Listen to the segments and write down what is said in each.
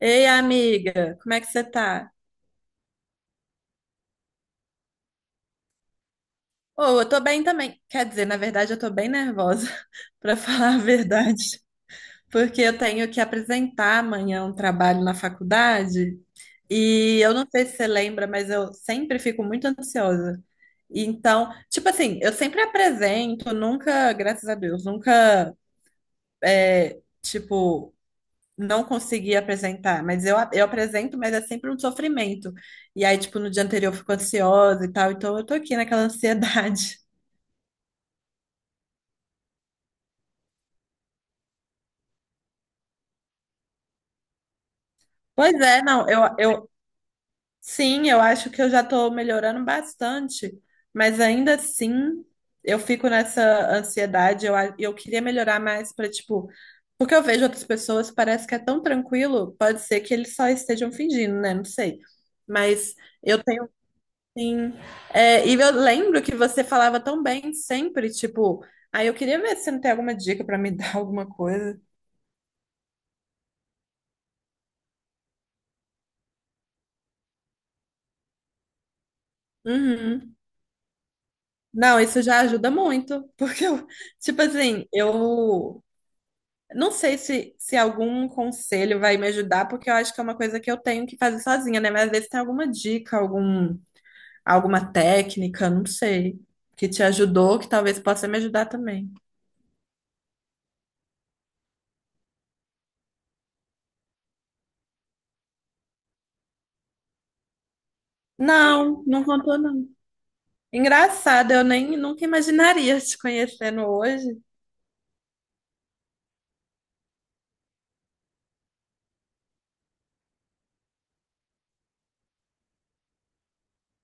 Ei, amiga, como é que você tá? Oh, eu tô bem também. Quer dizer, na verdade, eu tô bem nervosa, pra falar a verdade, porque eu tenho que apresentar amanhã um trabalho na faculdade e eu não sei se você lembra, mas eu sempre fico muito ansiosa. Então, tipo assim, eu sempre apresento, nunca, graças a Deus, nunca, tipo, não consegui apresentar, mas eu apresento, mas é sempre um sofrimento. E aí, tipo, no dia anterior eu fico ansiosa e tal, então eu tô aqui naquela ansiedade. Pois é, não, eu sim, eu acho que eu já tô melhorando bastante, mas ainda assim eu fico nessa ansiedade, eu, eu queria melhorar mais pra, tipo, porque eu vejo outras pessoas, parece que é tão tranquilo, pode ser que eles só estejam fingindo, né? Não sei. Mas eu tenho. Sim. É, e eu lembro que você falava tão bem sempre, tipo, aí eu queria ver se você não tem alguma dica pra me dar alguma coisa. Uhum. Não, isso já ajuda muito, porque eu, tipo assim, eu não sei se algum conselho vai me ajudar, porque eu acho que é uma coisa que eu tenho que fazer sozinha, né? Mas às vezes tem alguma dica, algum, alguma técnica, não sei, que te ajudou, que talvez possa me ajudar também. Não, não contou, não. Engraçado, eu nem nunca imaginaria te conhecendo hoje.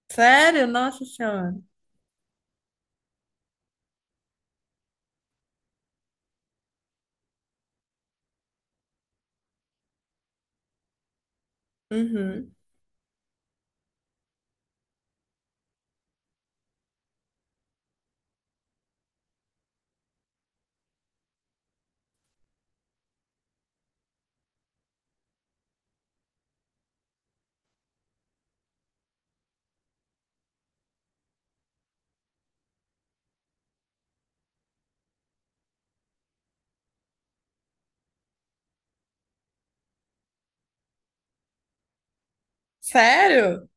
Sério? Nossa Senhora. Uhum. Sério?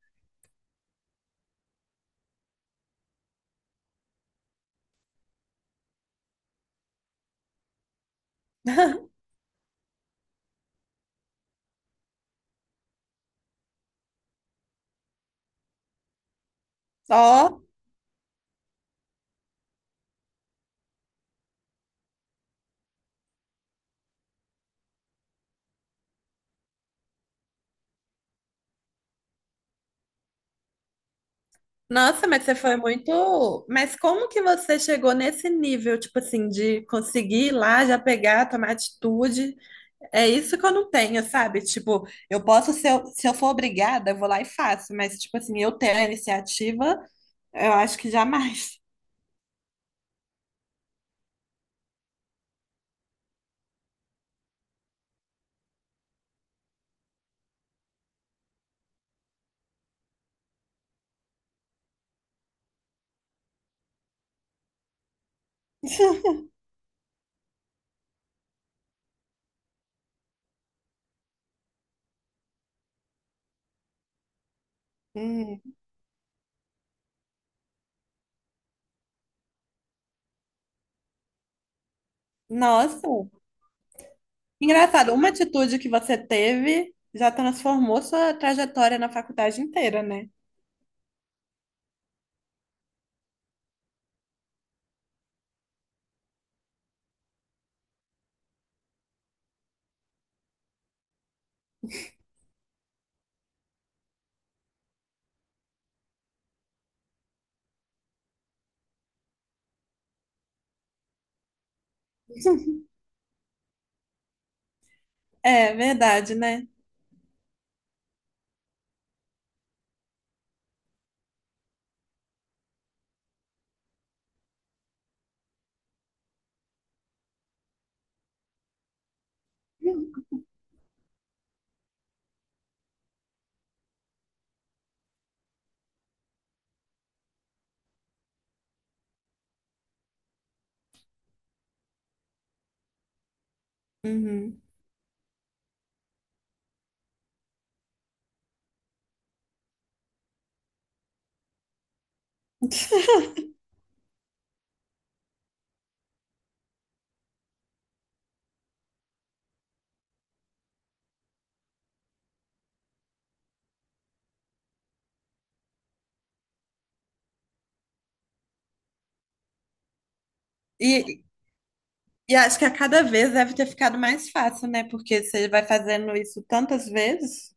Ó, nossa, mas você foi muito. Mas como que você chegou nesse nível, tipo assim, de conseguir ir lá já pegar, tomar atitude? É isso que eu não tenho, sabe? Tipo, eu posso, se eu for obrigada, eu vou lá e faço, mas, tipo assim, eu ter a iniciativa, eu acho que jamais. Hum. Nossa. Engraçado, uma atitude que você teve já transformou sua trajetória na faculdade inteira, né? É verdade, né? Uhum. E, e acho que a cada vez deve ter ficado mais fácil, né? Porque você vai fazendo isso tantas vezes.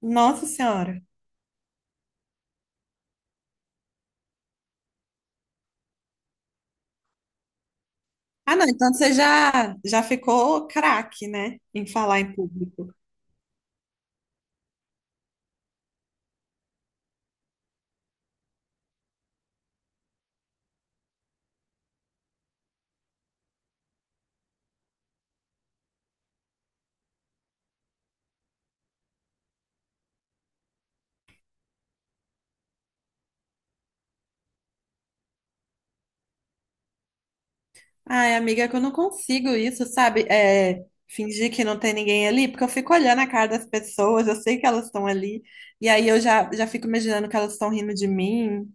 Nossa Senhora. Ah, não, então você já, já ficou craque, né? Em falar em público. Ai, amiga, é que eu não consigo isso, sabe? É, fingir que não tem ninguém ali, porque eu fico olhando a cara das pessoas, eu sei que elas estão ali, e aí eu já, já fico imaginando que elas estão rindo de mim.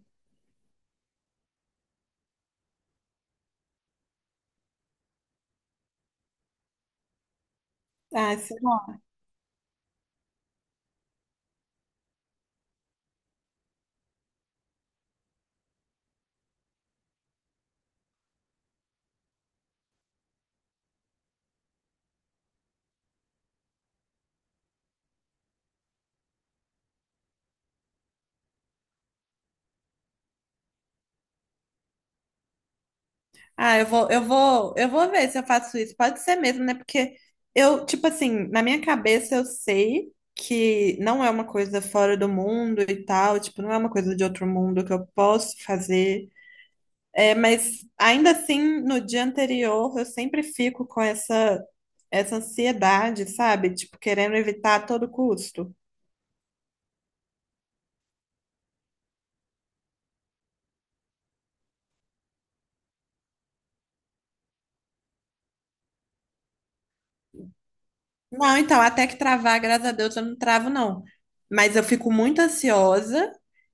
Ai, sei lá. Ah, eu vou, eu vou, eu vou ver se eu faço isso. Pode ser mesmo, né? Porque eu, tipo assim, na minha cabeça eu sei que não é uma coisa fora do mundo e tal, tipo, não é uma coisa de outro mundo que eu posso fazer. É, mas ainda assim, no dia anterior, eu sempre fico com essa, essa ansiedade, sabe? Tipo, querendo evitar a todo custo. Não, então, até que travar, graças a Deus, eu não travo, não. Mas eu fico muito ansiosa,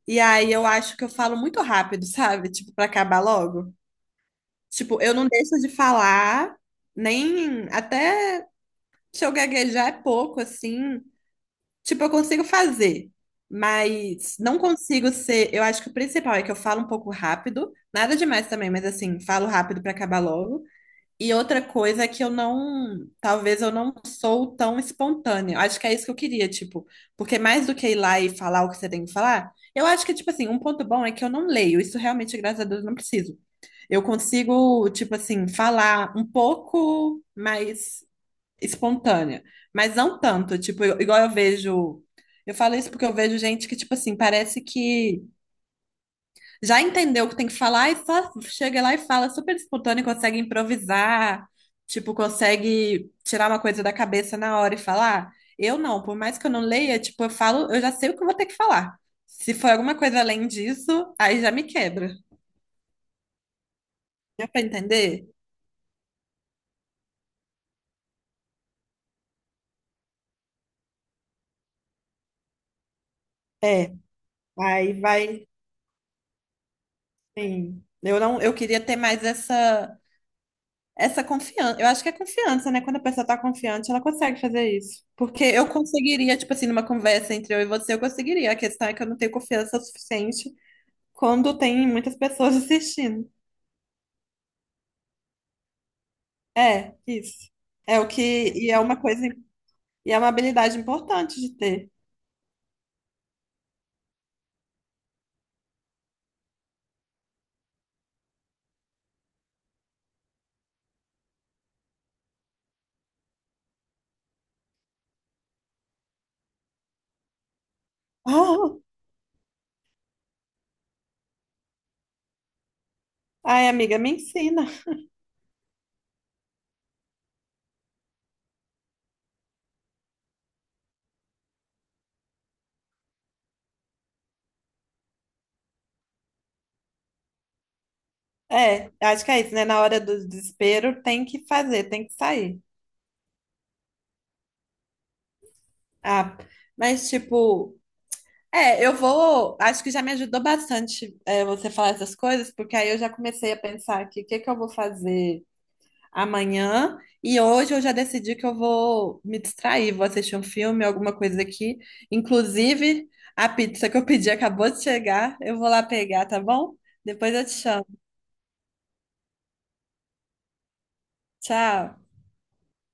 e aí eu acho que eu falo muito rápido, sabe? Tipo, pra acabar logo. Tipo, eu não deixo de falar, nem até se eu gaguejar é pouco, assim. Tipo, eu consigo fazer, mas não consigo ser. Eu acho que o principal é que eu falo um pouco rápido, nada demais também, mas assim, falo rápido pra acabar logo. E outra coisa é que eu não, talvez eu não sou tão espontânea. Eu acho que é isso que eu queria, tipo, porque mais do que ir lá e falar o que você tem que falar, eu acho que, tipo assim, um ponto bom é que eu não leio. Isso realmente, graças a Deus, eu não preciso. Eu consigo, tipo assim, falar um pouco, mas espontânea, mas não tanto, tipo, igual eu vejo. Eu falo isso porque eu vejo gente que, tipo assim, parece que já entendeu o que tem que falar e só chega lá e fala super espontâneo, consegue improvisar, tipo, consegue tirar uma coisa da cabeça na hora e falar. Eu não, por mais que eu não leia, tipo, eu falo, eu já sei o que eu vou ter que falar. Se for alguma coisa além disso, aí já me quebra. Deu pra entender? É, aí vai, sim. Eu não, eu queria ter mais essa. Essa confiança, eu acho que é confiança, né? Quando a pessoa tá confiante, ela consegue fazer isso. Porque eu conseguiria, tipo assim, numa conversa entre eu e você, eu conseguiria. A questão é que eu não tenho confiança o suficiente quando tem muitas pessoas assistindo. É, isso. É o que, e é uma coisa, e é uma habilidade importante de ter. Ah, ai, amiga, me ensina. É, acho que é isso, né? Na hora do desespero, tem que fazer, tem que sair. Ah, mas, tipo. É, eu vou. Acho que já me ajudou bastante, é, você falar essas coisas, porque aí eu já comecei a pensar aqui o que que eu vou fazer amanhã. E hoje eu já decidi que eu vou me distrair, vou assistir um filme, alguma coisa aqui. Inclusive, a pizza que eu pedi acabou de chegar. Eu vou lá pegar, tá bom? Depois eu te chamo. Tchau.